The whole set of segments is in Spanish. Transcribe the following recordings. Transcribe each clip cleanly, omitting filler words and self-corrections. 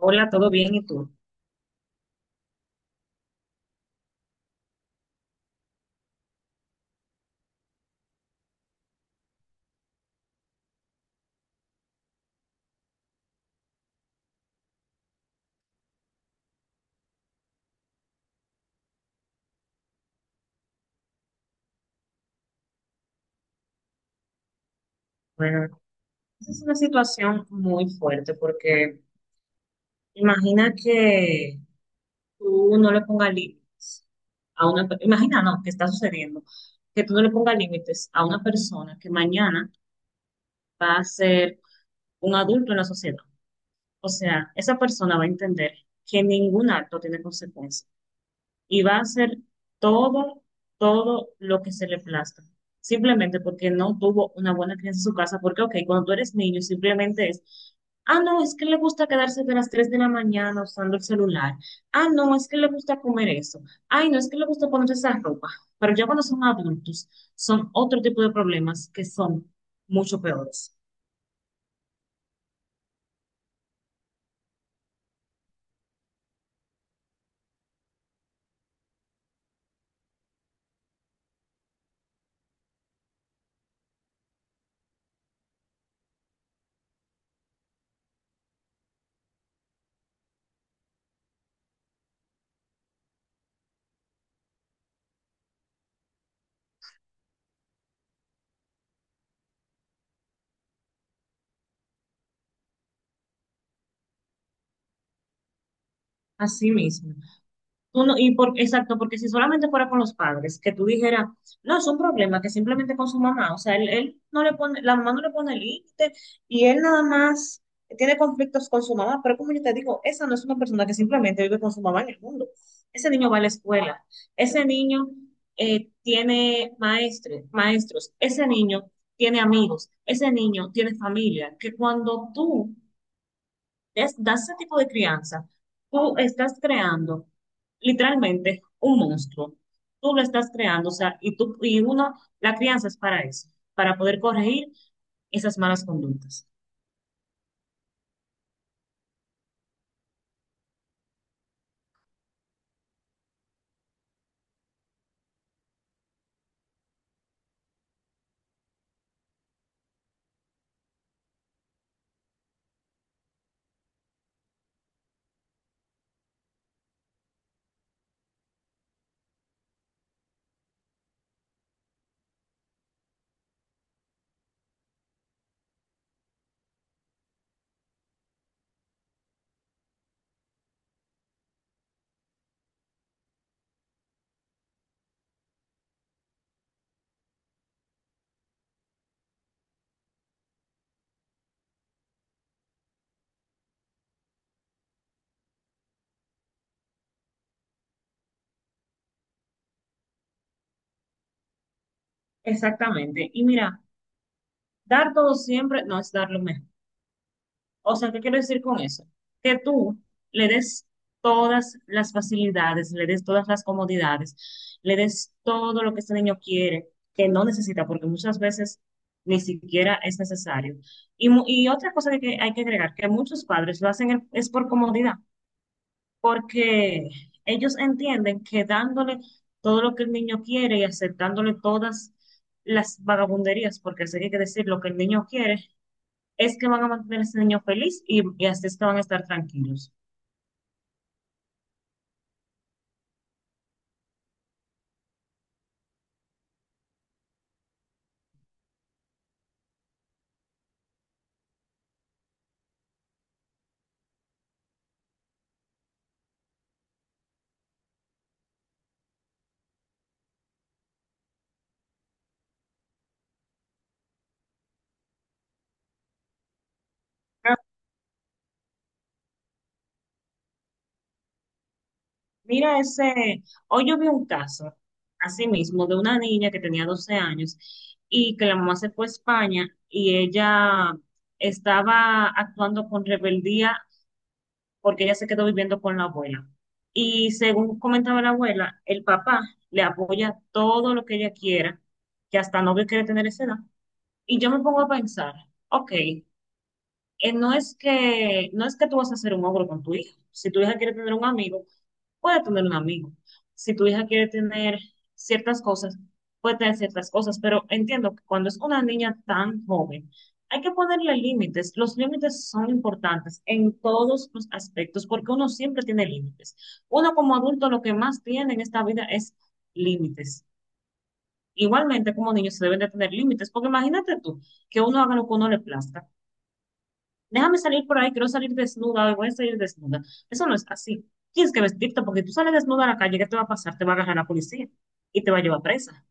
Hola, ¿todo bien? ¿Y tú? Bueno, esa es una situación muy fuerte porque imagina que tú no le pongas límites Imagina, no, que está sucediendo, que tú no le pongas límites a una persona que mañana va a ser un adulto en la sociedad. O sea, esa persona va a entender que ningún acto tiene consecuencias. Y va a hacer todo, todo lo que se le plazca. Simplemente porque no tuvo una buena crianza en su casa. Porque, ok, cuando tú eres niño, simplemente es, ah, no, es que le gusta quedarse de las 3 de la mañana usando el celular. Ah, no, es que le gusta comer eso. Ay, no, es que le gusta poner esa ropa. Pero ya cuando son adultos, son otro tipo de problemas que son mucho peores. Así mismo. Uno, y por, exacto, porque si solamente fuera con los padres, que tú dijeras, no, es un problema que simplemente con su mamá, o sea, él no le pone, la mamá no le pone límite y él nada más tiene conflictos con su mamá, pero como yo te digo, esa no es una persona que simplemente vive con su mamá en el mundo. Ese niño va a la escuela, ese niño tiene maestres, maestros, ese niño tiene amigos, ese niño tiene familia, que cuando tú das ese tipo de crianza, tú estás creando literalmente un monstruo. Tú lo estás creando, o sea, y tú, y uno, la crianza es para eso, para poder corregir esas malas conductas. Exactamente. Y mira, dar todo siempre no es dar lo mejor. O sea, ¿qué quiero decir con eso? Que tú le des todas las facilidades, le des todas las comodidades, le des todo lo que este niño quiere, que no necesita, porque muchas veces ni siquiera es necesario. Y, y otra cosa que hay que agregar, que muchos padres lo hacen es por comodidad, porque ellos entienden que dándole todo lo que el niño quiere y aceptándole todas las vagabunderías, porque se tiene que decir lo que el niño quiere, es que van a mantener a ese niño feliz y así es que van a estar tranquilos. Ah, mira ese, hoy yo vi un caso, así mismo, de una niña que tenía 12 años y que la mamá se fue a España y ella estaba actuando con rebeldía porque ella se quedó viviendo con la abuela. Y según comentaba la abuela, el papá le apoya todo lo que ella quiera, que hasta novio quiere tener esa edad. Y yo me pongo a pensar, ok, no es que, no es que tú vas a hacer un ogro con tu hija. Si tu hija quiere tener un amigo, puede tener un amigo. Si tu hija quiere tener ciertas cosas, puede tener ciertas cosas, pero entiendo que cuando es una niña tan joven, hay que ponerle límites. Los límites son importantes en todos los aspectos, porque uno siempre tiene límites. Uno como adulto lo que más tiene en esta vida es límites. Igualmente como niños se deben de tener límites, porque imagínate tú que uno haga lo que uno le plazca, déjame salir por ahí, quiero salir desnuda, hoy voy a salir desnuda. Eso no es así. Tienes que vestirte porque tú sales desnuda a la calle, ¿qué te va a pasar? Te va a agarrar la policía y te va a llevar presa.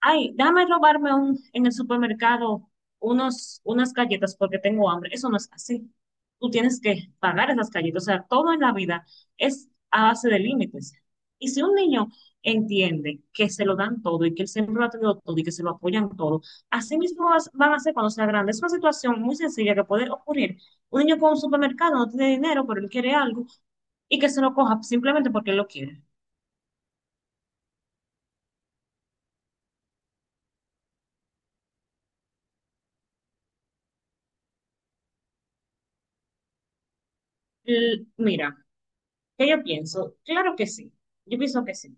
Ay, dame robarme un, en el supermercado unos, unas galletas porque tengo hambre. Eso no es así. Tú tienes que pagar esas galletas. O sea, todo en la vida es a base de límites. Y si un niño entiende que se lo dan todo y que él siempre lo ha tenido todo y que se lo apoyan todo, así mismo van a ser cuando sea grande. Es una situación muy sencilla que puede ocurrir. Un niño con un supermercado no tiene dinero, pero él quiere algo y que se lo coja simplemente porque él lo quiere. Mira. ¿Qué yo pienso? Claro que sí, yo pienso que sí.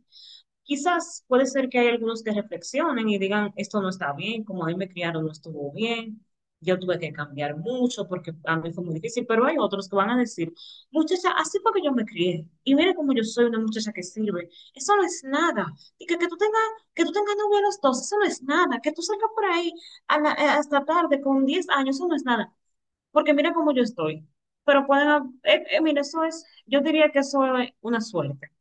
Quizás puede ser que hay algunos que reflexionen y digan, esto no está bien, como a mí me criaron no estuvo bien, yo tuve que cambiar mucho porque a mí fue muy difícil, pero hay otros que van a decir, muchacha, así fue que yo me crié, y mira cómo yo soy una muchacha que sirve, eso no es nada, y que tú tengas novia a los dos, eso no es nada, que tú salgas por ahí a la- hasta tarde con 10 años, eso no es nada porque mira cómo yo estoy. Pero pueden, mira, eso es, yo diría que eso es una suerte,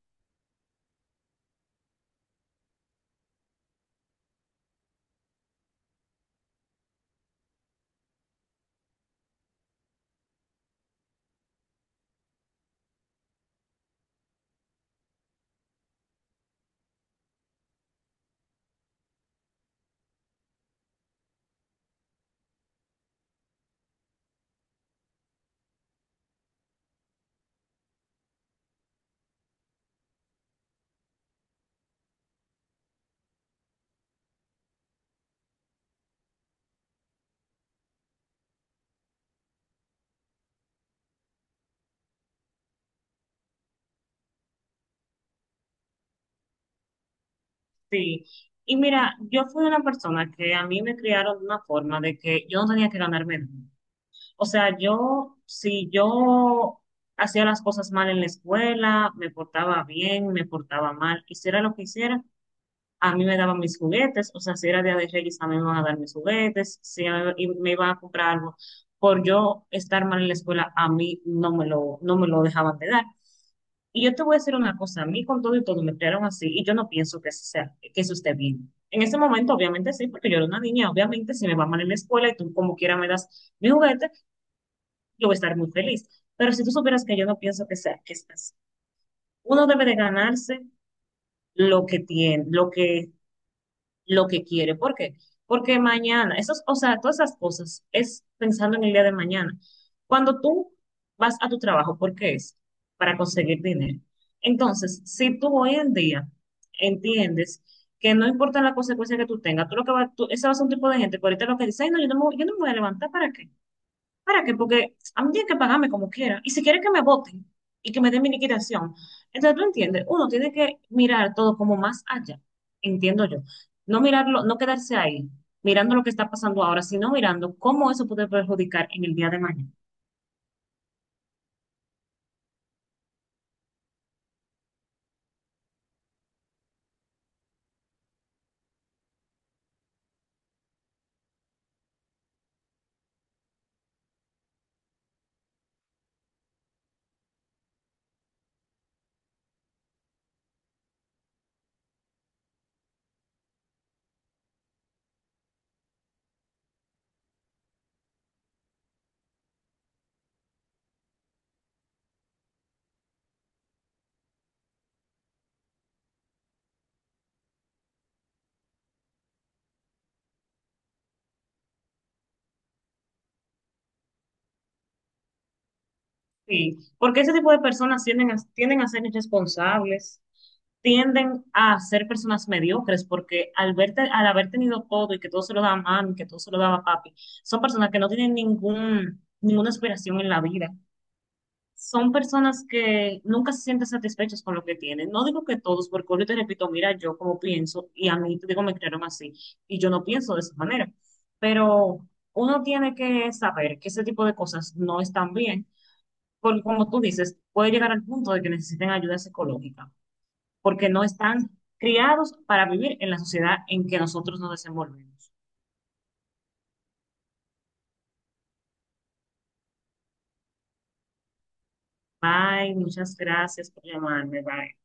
sí. Y mira, yo fui una persona que a mí me criaron de una forma de que yo no tenía que ganarme nada. O sea, yo, si yo hacía las cosas mal en la escuela, me portaba bien, me portaba mal, hiciera lo que hiciera, a mí me daban mis juguetes, o sea, si era Día de Reyes, a mí me iban a dar mis juguetes, si a- y me iban a comprar algo por yo estar mal en la escuela, a mí no me lo dejaban de dar. Y yo te voy a decir una cosa, a mí con todo y todo me crearon así y yo no pienso que, eso sea, que eso esté bien. En ese momento, obviamente sí, porque yo era una niña, obviamente si me va mal en la escuela y tú como quiera me das mi juguete, yo voy a estar muy feliz. Pero si tú supieras que yo no pienso que sea, que es así. Uno debe de ganarse lo que tiene, lo que quiere. ¿Por qué? Porque mañana, esos, o sea, todas esas cosas es pensando en el día de mañana. Cuando tú vas a tu trabajo, ¿por qué es? Para conseguir dinero. Entonces, si tú hoy en día entiendes que no importa la consecuencia que tú tengas, tú lo que va, tú, ese va a ser un tipo de gente que ahorita lo que dice, "Ay, no, yo no me voy a levantar, ¿para qué? ¿Para qué? Porque a mí tienen que pagarme como quiera. Y si quieren que me voten y que me den mi liquidación". Entonces, tú entiendes, uno tiene que mirar todo como más allá, entiendo yo. No mirarlo, no quedarse ahí, mirando lo que está pasando ahora, sino mirando cómo eso puede perjudicar en el día de mañana. Sí, porque ese tipo de personas tienden a ser irresponsables, tienden a ser personas mediocres, porque al verte, al haber tenido todo y que todo se lo daba mami, que todo se lo daba papi, son personas que no tienen ningún, ninguna aspiración en la vida. Son personas que nunca se sienten satisfechas con lo que tienen. No digo que todos, porque yo te repito, mira, yo como pienso, y a mí, te digo, me crearon así, y yo no pienso de esa manera. Pero uno tiene que saber que ese tipo de cosas no están bien por como tú dices, puede llegar al punto de que necesiten ayuda psicológica, porque no están criados para vivir en la sociedad en que nosotros nos desenvolvemos. Bye, muchas gracias por llamarme. Bye.